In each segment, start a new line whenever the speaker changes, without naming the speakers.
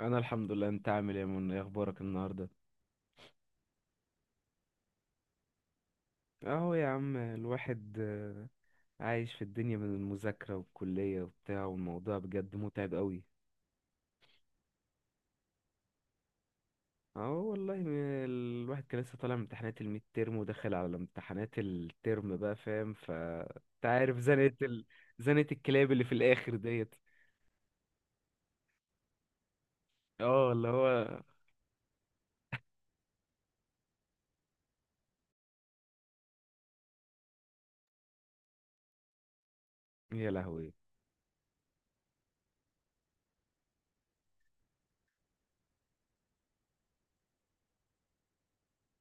انا الحمد لله، انت عامل ايه يا منى؟ ايه اخبارك النهارده؟ اهو يا عم الواحد عايش في الدنيا من المذاكره والكليه وبتاع، والموضوع بجد متعب قوي. اهو والله الواحد كان لسه طالع من امتحانات الميد ترم وداخل على امتحانات الترم بقى، فاهم؟ ف انت عارف زنقه ال... زنقه الكلاب اللي في الاخر ديت. اه اللي هو يا لهوي.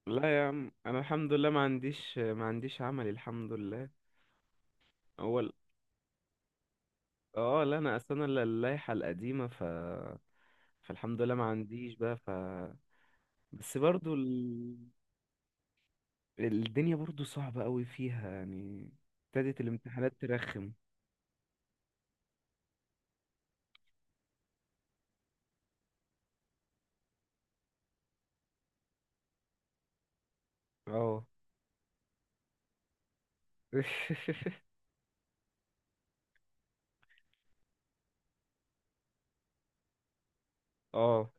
لا يا عم انا الحمد لله، ما عنديش عمل الحمد لله. اول اه لا انا اصلا انا اللائحه القديمه، ف فالحمد لله ما عنديش بقى. ف بس برضو ال... الدنيا برضو صعبة قوي فيها يعني. ابتدت الامتحانات ترخم. اه اه،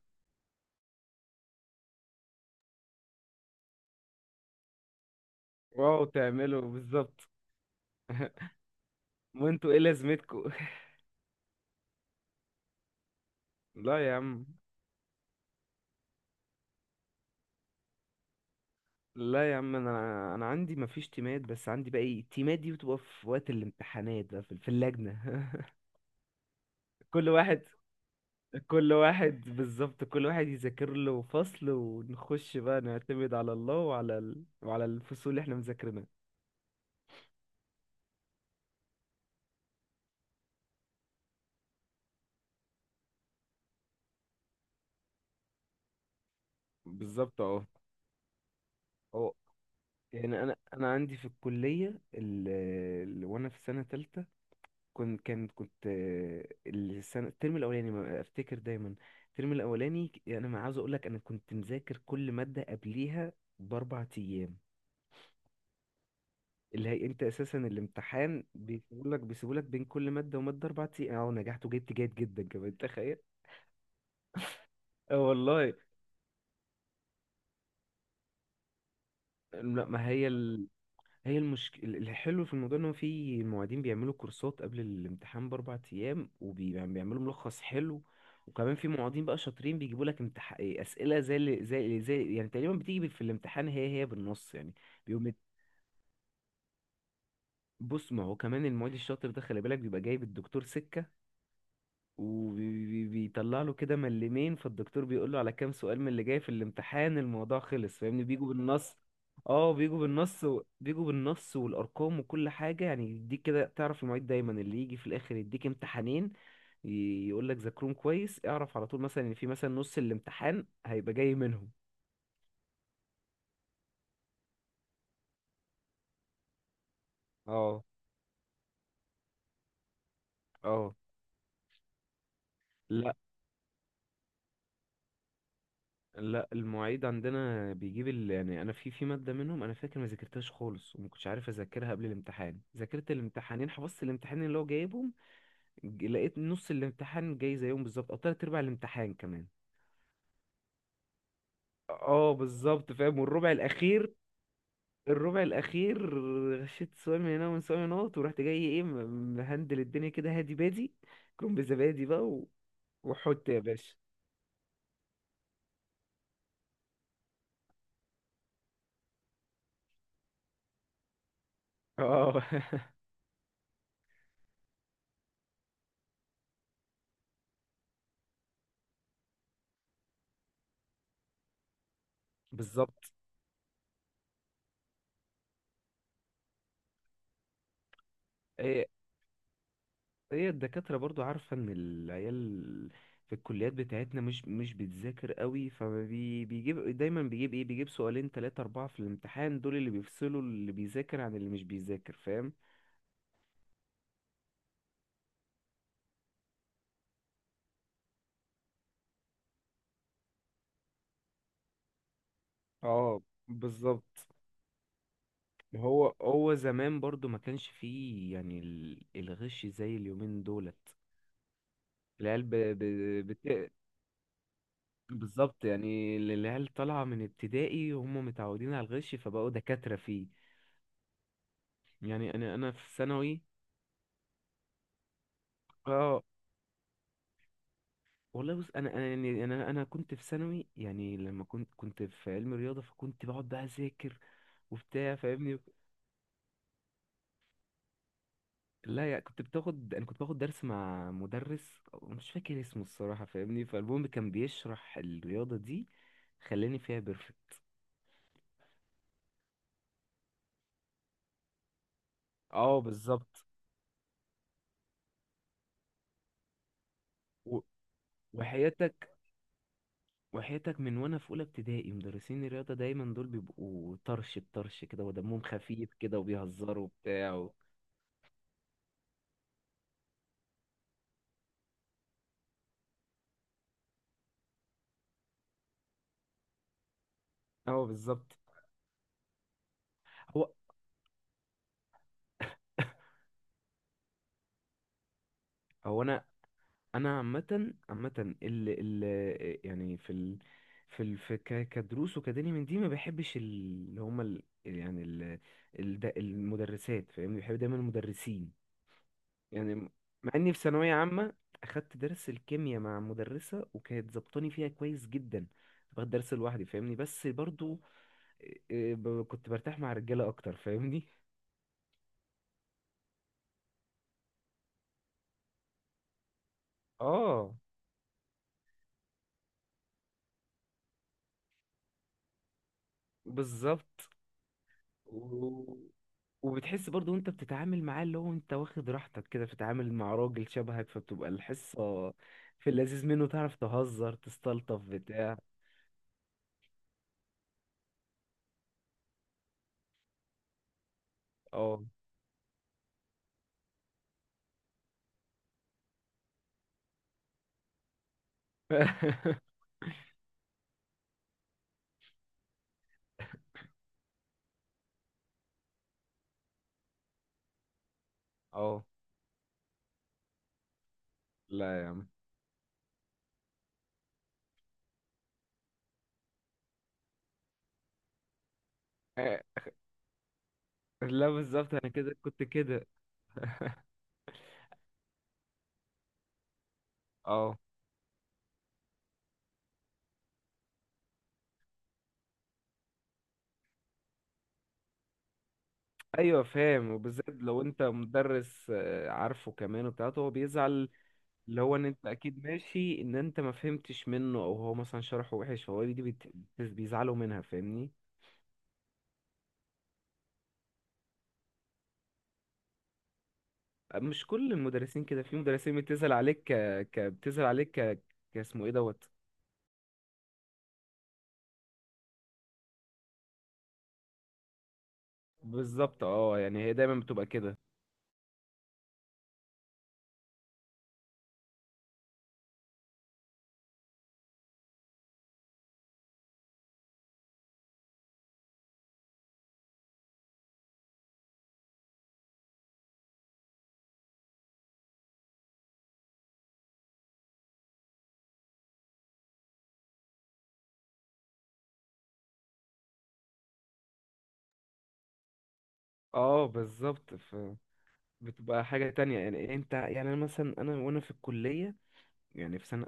واو تعملوا بالظبط. وانتوا ايه لازمتكوا؟ لا يا عم. لا يا عم انا عندي مفيش تيمات، بس عندي بقى ايه، التيمات دي بتبقى في وقت الامتحانات بقى في اللجنة. كل واحد، كل واحد بالظبط، كل واحد يذاكر له فصل، ونخش بقى نعتمد على الله وعلى ال... وعلى الفصول اللي احنا مذاكرينها. بالظبط اه. هو يعني انا عندي في الكليه ال... ال... وانا في سنه تالتة، كنت آه، السنه الترم الاولاني ما افتكر دايما، الترم الاولاني انا ما عاوز اقول لك، انا كنت مذاكر كل ماده قبليها باربع ايام. اللي هي انت اساسا الامتحان بيسيبولك بين كل ماده وماده اربع ايام، اه ونجحت وجبت جيد جدا كمان، تخيل. اه والله. لا ما هي ال... هي المشكله الحلو في الموضوع ان هو في معيدين بيعملوا كورسات قبل الامتحان باربع ايام، وبيعملوا ملخص حلو. وكمان في معيدين بقى شاطرين بيجيبوا لك ايه، اسئله زي اللي زي يعني تقريبا بتيجي في الامتحان هي هي بالنص يعني. بيقوم يت- بص ما هو كمان المعيد الشاطر ده خلي بالك بيبقى جايب الدكتور سكه، وبيطلع له كده ملمين، فالدكتور بيقول له على كام سؤال من اللي جاي في الامتحان، الموضوع خلص فاهمني، بيجوا بالنص. اه بيجوا بالنص و... بيجوا بالنص والارقام وكل حاجه يعني، يديك كده تعرف المعيد دايما اللي يجي في الاخر يديك امتحانين يقول لك ذاكرهم كويس، اعرف على طول مثلا ان في مثلا نص الامتحان هيبقى جاي منهم. اه اه. لا لا المعيد عندنا بيجيب ال... يعني انا في في ماده منهم انا فاكر ما ذاكرتهاش خالص، وما كنتش عارف اذاكرها قبل الامتحان، ذاكرت الامتحانين، حفظت الامتحانين اللي هو جايبهم. لقيت نص الامتحان جاي زيهم بالظبط، او تلات ارباع الامتحان كمان. اه بالظبط فاهم. والربع الاخير، الربع الاخير غشيت سؤال من هنا، ومن سؤال من هنا، ورحت جاي ايه، مهندل الدنيا كده هادي بادي، كوم بزبادي بقى و... وحط يا باشا. اه بالظبط آه، هي الدكاترة برضو عارفة ان العيال في الكليات بتاعتنا مش بتذاكر قوي، فبيجيب دايما، بيجيب ايه، بيجيب سؤالين تلاتة اربعة في الامتحان، دول اللي بيفصلوا اللي بيذاكر عن اللي مش بيذاكر، فاهم. اه بالظبط. هو زمان برضو ما كانش فيه يعني الغش زي اليومين دولت. العيال ب... ب... بت... بالظبط، يعني العيال طالعة من ابتدائي وهم متعودين على الغش، فبقوا دكاترة فيه. يعني انا في ثانوي. اه والله بص، انا انا يعني يعني انا كنت في ثانوي، يعني لما كنت في علم رياضه، فكنت بقعد بقى اذاكر وبتاع فاهمني. لا يعني كنت بتاخد، انا كنت باخد درس مع مدرس مش فاكر اسمه الصراحه فاهمني، فالمهم كان بيشرح الرياضه دي، خلاني فيها بيرفكت. اه بالظبط. و- وحياتك، وحياتك من وانا في اولى ابتدائي مدرسين الرياضه دايما دول بيبقوا طرش بطرش كده، ودمهم خفيف كده، وبيهزروا وبتاع و... اه بالظبط. هو هو انا، انا عامه عامه، ال ال يعني في ال في ال في كدروس وكدني من دي ما بحبش اللي هما ال يعني ال ال المدرسات فاهمني، بحب دايما المدرسين. يعني مع اني في ثانويه عامه اخدت درس الكيمياء مع مدرسه، وكانت ظبطاني فيها كويس جدا، باخد درس لوحدي فاهمني، بس برضو إيه، كنت برتاح مع رجاله اكتر فاهمني. اه بالظبط. وبتحس برضو وانت بتتعامل معاه اللي هو انت واخد راحتك كده، بتتعامل مع راجل شبهك، فبتبقى الحصة في اللذيذ منه، تعرف تهزر تستلطف بتاع. اه اه لا يا عم. آه، لا بالظبط انا كده كنت كده. اه ايوه فاهم، وبالذات لو انت مدرس آه، عارفه كمان وبتاعته هو بيزعل. اللي هو ان انت اكيد ماشي ان انت ما فهمتش منه، او هو مثلا شرحه وحش، فهو دي بيزعلوا منها فاهمني. مش كل المدرسين كده، في مدرسين بتسأل عليك ك... ك... بتسأل عليك ك... كاسمه ايه دوت. بالظبط اه، يعني هي دايما بتبقى كده. اه بالظبط. ف... بتبقى حاجة تانية يعني، انت يعني انا مثلا انا وانا في الكلية، يعني في سنة،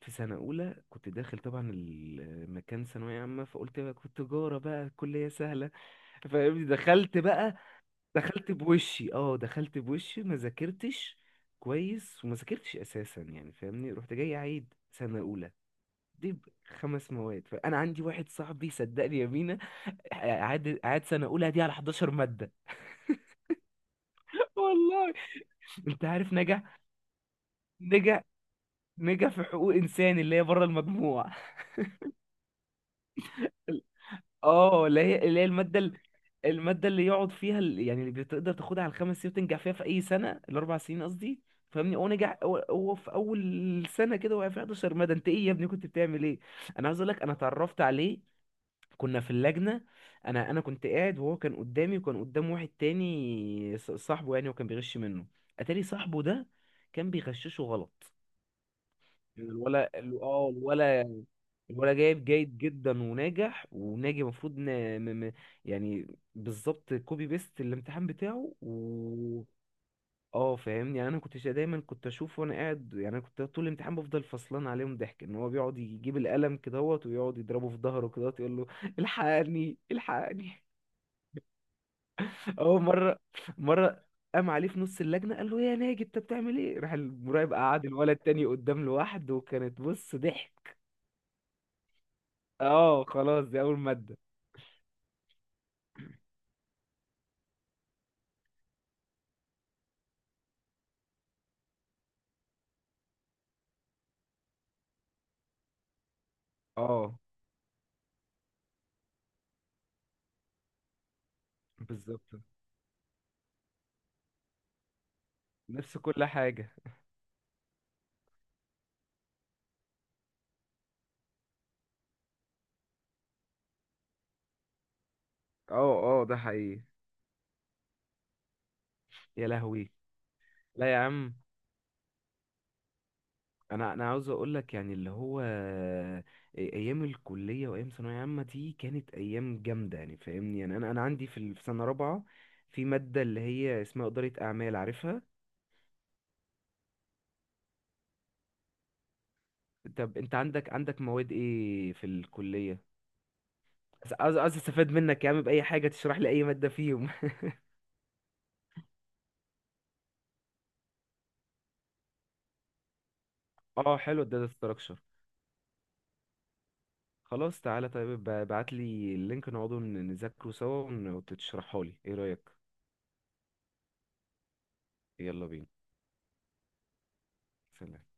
في سنة أولى كنت داخل طبعا، المكان ثانوية عامة، فقلت بقى كنت تجارة بقى الكلية سهلة فاهمني. دخلت بقى، دخلت بوشي اه، دخلت بوشي ما ذاكرتش كويس، وما ذاكرتش أساسا يعني فاهمني، رحت جاي عيد سنة أولى دي خمس مواد، فانا عندي واحد صاحبي صدقني يا مينا، قعد سنه اولى دي على 11 ماده. والله. انت عارف، نجح، نجح، نجح في حقوق انسان اللي هي بره المجموع. اه اللي هي، اللي هي الماده الماده اللي يقعد فيها يعني اللي بتقدر تاخدها على الخمس سنين وتنجح فيها في اي سنه، الاربع سنين قصدي فاهمني. هو نجح، هو في اول سنه كده وقع في 11 ماده، انت ايه يا ابني كنت بتعمل ايه. انا عايز اقول لك انا اتعرفت عليه كنا في اللجنة، انا كنت قاعد وهو كان قدامي، وكان قدام واحد تاني صاحبه يعني، وكان بيغش منه. اتاري صاحبه ده كان بيغششه غلط. يعني الولا اه الولا، الولا جايب جيد جدا وناجح وناجي المفروض ن... م... م... يعني بالظبط كوبي بيست الامتحان بتاعه و اه فاهمني. يعني انا كنت دايما كنت اشوف وانا قاعد، يعني انا كنت طول الامتحان بفضل فصلان عليهم ضحك، ان هو بيقعد يجيب القلم كدهوت، ويقعد يضربه في ظهره كدهوت، يقول له الحقني الحقني. هو مرة مرة قام عليه في نص اللجنة، قال له يا ناجي انت بتعمل ايه، راح المراقب قعد الولد تاني قدام لوحده، وكانت بص ضحك. اه خلاص دي اول مادة. اه بالظبط نفس كل حاجة. اه اه ده حقيقي. يا لهوي. لا يا عم، انا انا عاوز اقول لك يعني اللي هو آه، ايام الكلية وايام ثانوية عامة دي كانت ايام جامدة يعني فاهمني، يعني انا عندي في ال، في سنة رابعة في مادة اللي هي اسمها إدارة أعمال، عارفها؟ طب انت عندك، عندك مواد ايه في الكلية، عايز، عايز، عايز استفاد منك يا عم بأي حاجة تشرح لي اي مادة فيهم. اه حلو الداتا ستراكشر. خلاص تعالى طيب ابعت لي اللينك، نقعدوا نذاكره سوا وتشرحه لي ايه رأيك. يلا بينا. سلام.